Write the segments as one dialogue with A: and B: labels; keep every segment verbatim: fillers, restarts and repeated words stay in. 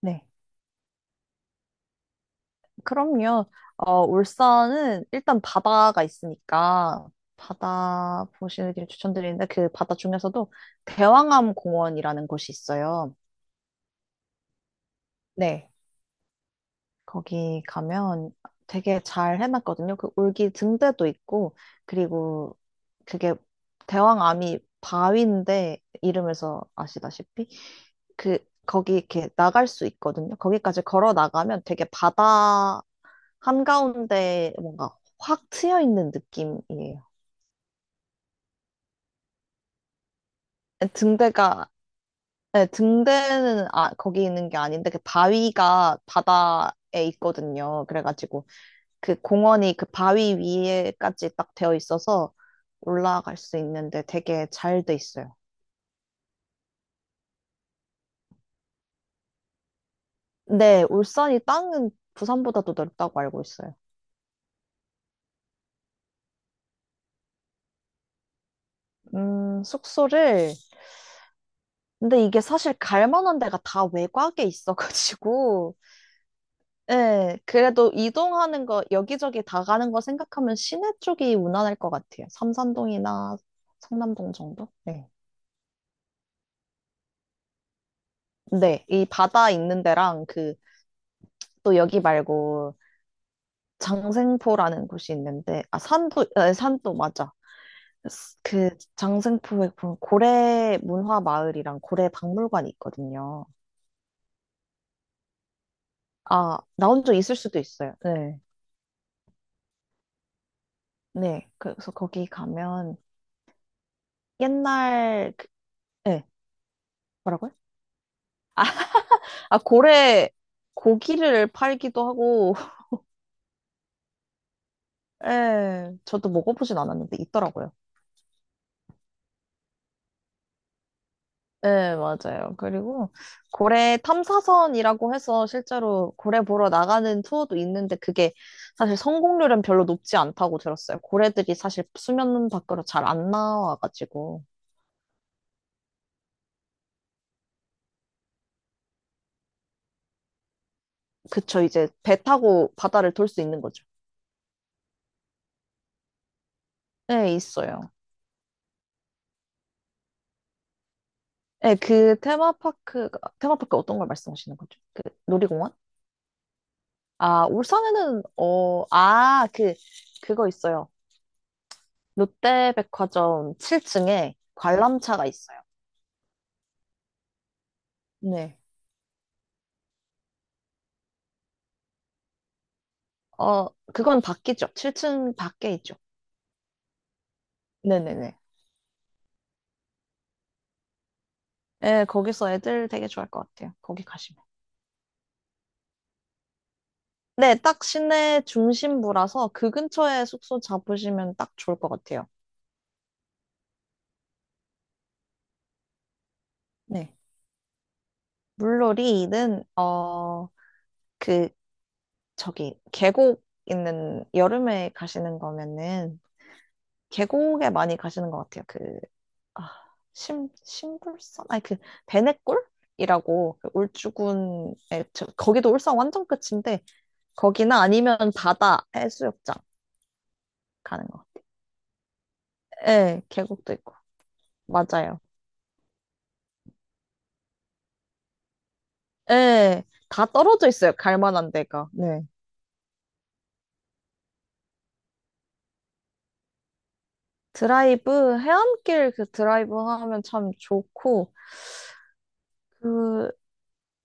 A: 네. 그럼요. 어, 울산은 일단 바다가 있으니까 바다 보시는 길 추천드리는데 그 바다 중에서도 대왕암 공원이라는 곳이 있어요. 네. 거기 가면 되게 잘 해놨거든요. 그 울기 등대도 있고 그리고 그게 대왕암이 바위인데 이름에서 아시다시피 그 거기 이렇게 나갈 수 있거든요. 거기까지 걸어 나가면 되게 바다 한가운데 뭔가 확 트여 있는 느낌이에요. 네, 등대가, 네, 등대는 아, 거기 있는 게 아닌데, 그 바위가 바다에 있거든요. 그래가지고 그 공원이 그 바위 위에까지 딱 되어 있어서 올라갈 수 있는데 되게 잘 돼 있어요. 네, 울산이 땅은 부산보다도 넓다고 알고 있어요. 음, 숙소를. 근데 이게 사실 갈 만한 데가 다 외곽에 있어가지고, 네, 그래도 이동하는 거, 여기저기 다 가는 거 생각하면 시내 쪽이 무난할 것 같아요. 삼산동이나 상남동 정도? 네. 네, 이 바다 있는 데랑 그, 또 여기 말고 장생포라는 곳이 있는데, 아, 산도, 아, 산도 맞아. 그 장생포에 보면 고래 문화 마을이랑 고래 박물관이 있거든요. 아, 나온 적 있을 수도 있어요. 네. 네. 그래서 거기 가면 옛날, 그, 네, 뭐라고요? 아, 고래 고기를 팔기도 하고, 예, 저도 먹어보진 않았는데 있더라고요. 예, 맞아요. 그리고 고래 탐사선이라고 해서 실제로 고래 보러 나가는 투어도 있는데 그게 사실 성공률은 별로 높지 않다고 들었어요. 고래들이 사실 수면 밖으로 잘 안 나와가지고. 그쵸, 이제 배 타고 바다를 돌 수 있는 거죠. 네, 있어요. 네, 그 테마파크, 테마파크 어떤 걸 말씀하시는 거죠? 그 놀이공원? 아, 울산에는, 어, 아, 그, 그거 있어요. 롯데백화점 칠 층에 관람차가 있어요. 네. 어, 그건 밖이죠. 칠 층 밖에 있죠. 네네네. 예, 거기서 애들 되게 좋아할 것 같아요. 거기 가시면. 네, 딱 시내 중심부라서 그 근처에 숙소 잡으시면 딱 좋을 것 같아요. 네. 물놀이는, 어, 그, 저기, 계곡 있는, 여름에 가시는 거면은, 계곡에 많이 가시는 것 같아요. 그, 아, 심, 심불선? 아니, 그, 배내골이라고, 그 울주군에, 저- 거기도 울산 완전 끝인데, 거기나 아니면 바다 해수욕장 가는 거. 예, 계곡도 있고. 맞아요. 예, 다 떨어져 있어요. 갈 만한 데가. 네. 드라이브, 해안길 그 드라이브 하면 참 좋고, 그,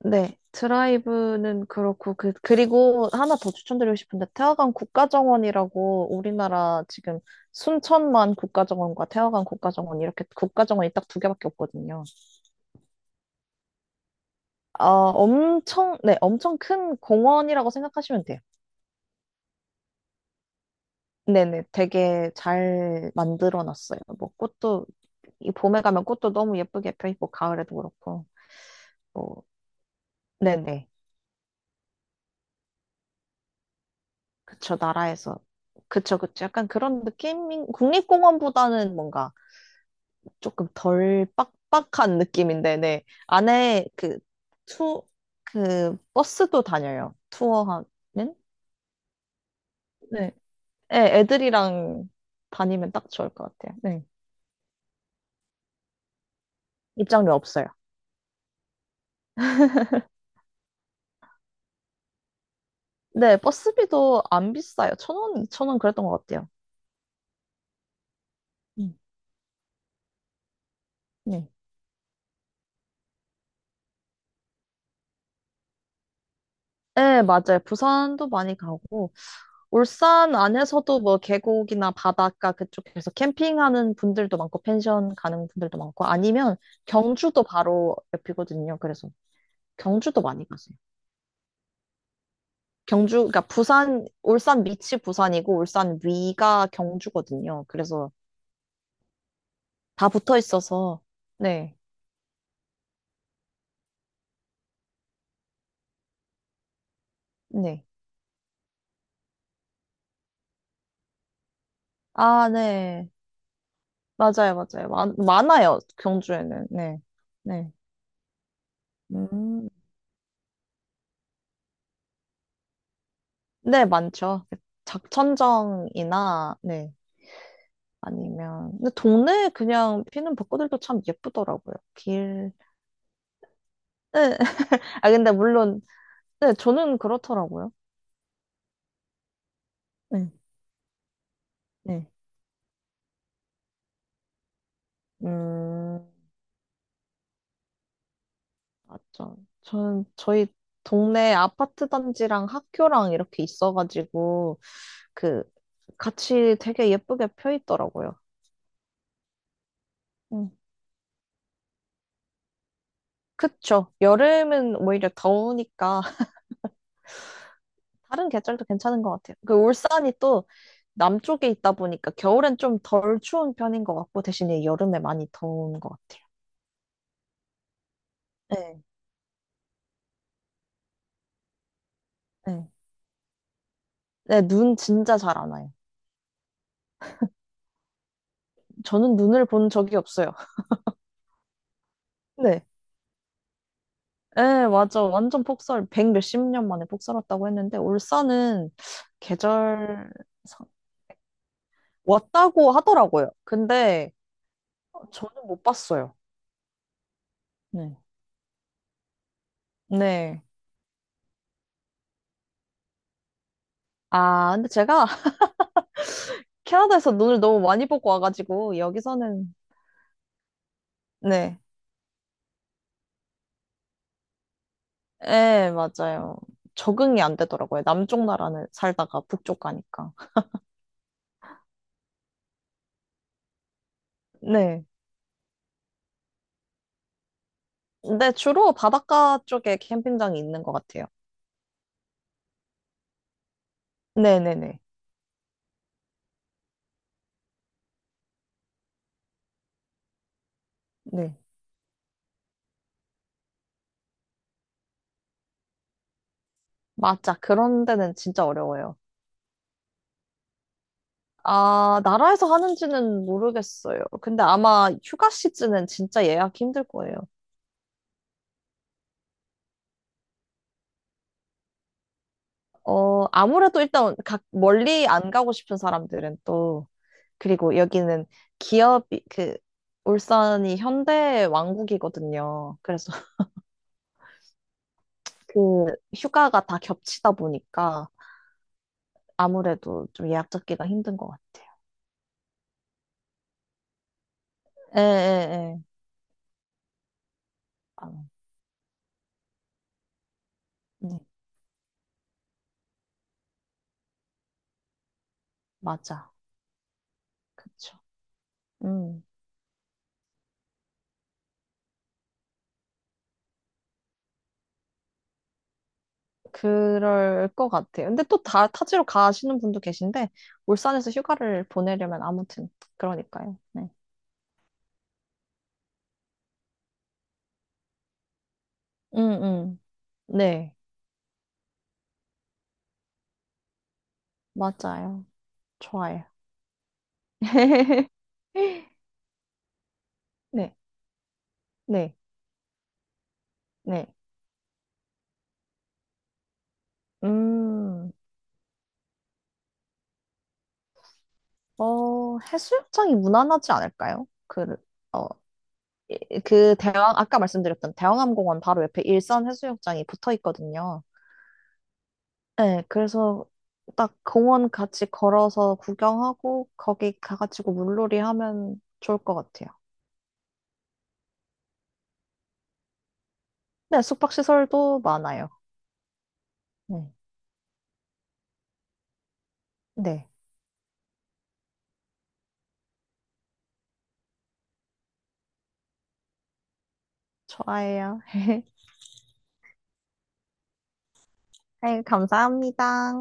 A: 네, 드라이브는 그렇고, 그, 그리고 하나 더 추천드리고 싶은데, 태화강 국가정원이라고 우리나라 지금 순천만 국가정원과 태화강 국가정원 이렇게 국가정원이 딱 두 개밖에 없거든요. 아, 엄청, 네, 엄청 큰 공원이라고 생각하시면 돼요. 네네, 되게 잘 만들어 놨어요. 뭐 꽃도, 이 봄에 가면 꽃도 너무 예쁘게 펴 있고, 가을에도 그렇고, 뭐, 네네, 그쵸, 나라에서. 그쵸, 그쵸. 약간 그런 느낌인, 국립공원보다는 뭔가, 조금 덜 빡빡한 느낌인데, 네. 안에 그, 투, 그, 버스도 다녀요. 투어하는? 네. 네, 애들이랑 다니면 딱 좋을 것 같아요. 네. 입장료 없어요. 네, 버스비도 안 비싸요. 천 원, 이천 원 그랬던 것 같아요. 음, 네. 네, 맞아요. 부산도 많이 가고, 울산 안에서도 뭐 계곡이나 바닷가 그쪽에서 캠핑하는 분들도 많고, 펜션 가는 분들도 많고, 아니면 경주도 바로 옆이거든요. 그래서 경주도 많이 가세요. 경주, 그러니까 부산, 울산 밑이 부산이고 울산 위가 경주거든요. 그래서 다 붙어 있어서 네, 네. 아, 네. 맞아요, 맞아요. 많, 많아요, 경주에는. 네, 네. 음, 네, 많죠. 그 작천정이나 네. 아니면 근데 동네 그냥 피는 벚꽃들도 참 예쁘더라고요. 길. 네. 아 근데 물론 네, 저는 그렇더라고요. 네, 네. 음. 맞죠. 저는 저희 동네 아파트 단지랑 학교랑 이렇게 있어가지고 그 같이 되게 예쁘게 펴 있더라고요. 음, 그쵸. 여름은 오히려 더우니까 다른 계절도 괜찮은 것 같아요. 그 울산이 또 남쪽에 있다 보니까 겨울엔 좀 덜 추운 편인 것 같고 대신에 여름에 많이 더운 것 같아요. 네. 네. 네, 눈 진짜 잘 안 와요. 저는 눈을 본 적이 없어요. 네. 예, 맞아. 완전 폭설, 백 몇 십 년 만에 폭설 왔다고 했는데, 울산은 계절, 상- 왔다고 하더라고요. 근데 저는 못 봤어요. 네. 네. 아, 근데 제가 캐나다에서 눈을 너무 많이 보고 와가지고, 여기서는, 네. 예, 맞아요. 적응이 안 되더라고요. 남쪽 나라는 살다가 북쪽 가니까. 네. 근데 주로 바닷가 쪽에 캠핑장이 있는 것 같아요. 네네네. 네. 맞아. 그런 데는 진짜 어려워요. 아, 나라에서 하는지는 모르겠어요. 근데 아마 휴가 시즌은 진짜 예약 힘들 거예요. 어, 아무래도 일단 각 멀리 안 가고 싶은 사람들은 또, 그리고 여기는 기업이, 그, 울산이 현대 왕국이거든요. 그래서 그 휴가가 다 겹치다 보니까 아무래도 좀 예약 잡기가 힘든 것 같아요. 예, 예, 예. 아, 네, 맞아. 그쵸. 음. 그럴 것 같아요. 근데 또 다, 타지로 가시는 분도 계신데, 울산에서 휴가를 보내려면 아무튼, 그러니까요. 네. 음, 음. 네. 맞아요. 좋아요. 네. 네. 네. 음, 어, 해수욕장이 무난하지 않을까요? 그, 어, 이- 그 대왕, 아까 말씀드렸던 대왕암공원 바로 옆에 일산 해수욕장이 붙어 있거든요. 네, 그래서 딱 공원 같이 걸어서 구경하고 거기 가가지고 물놀이 하면 좋을 것 같아요. 네, 숙박시설도 많아요. 네, 네, 좋아요. 네, 감사합니다.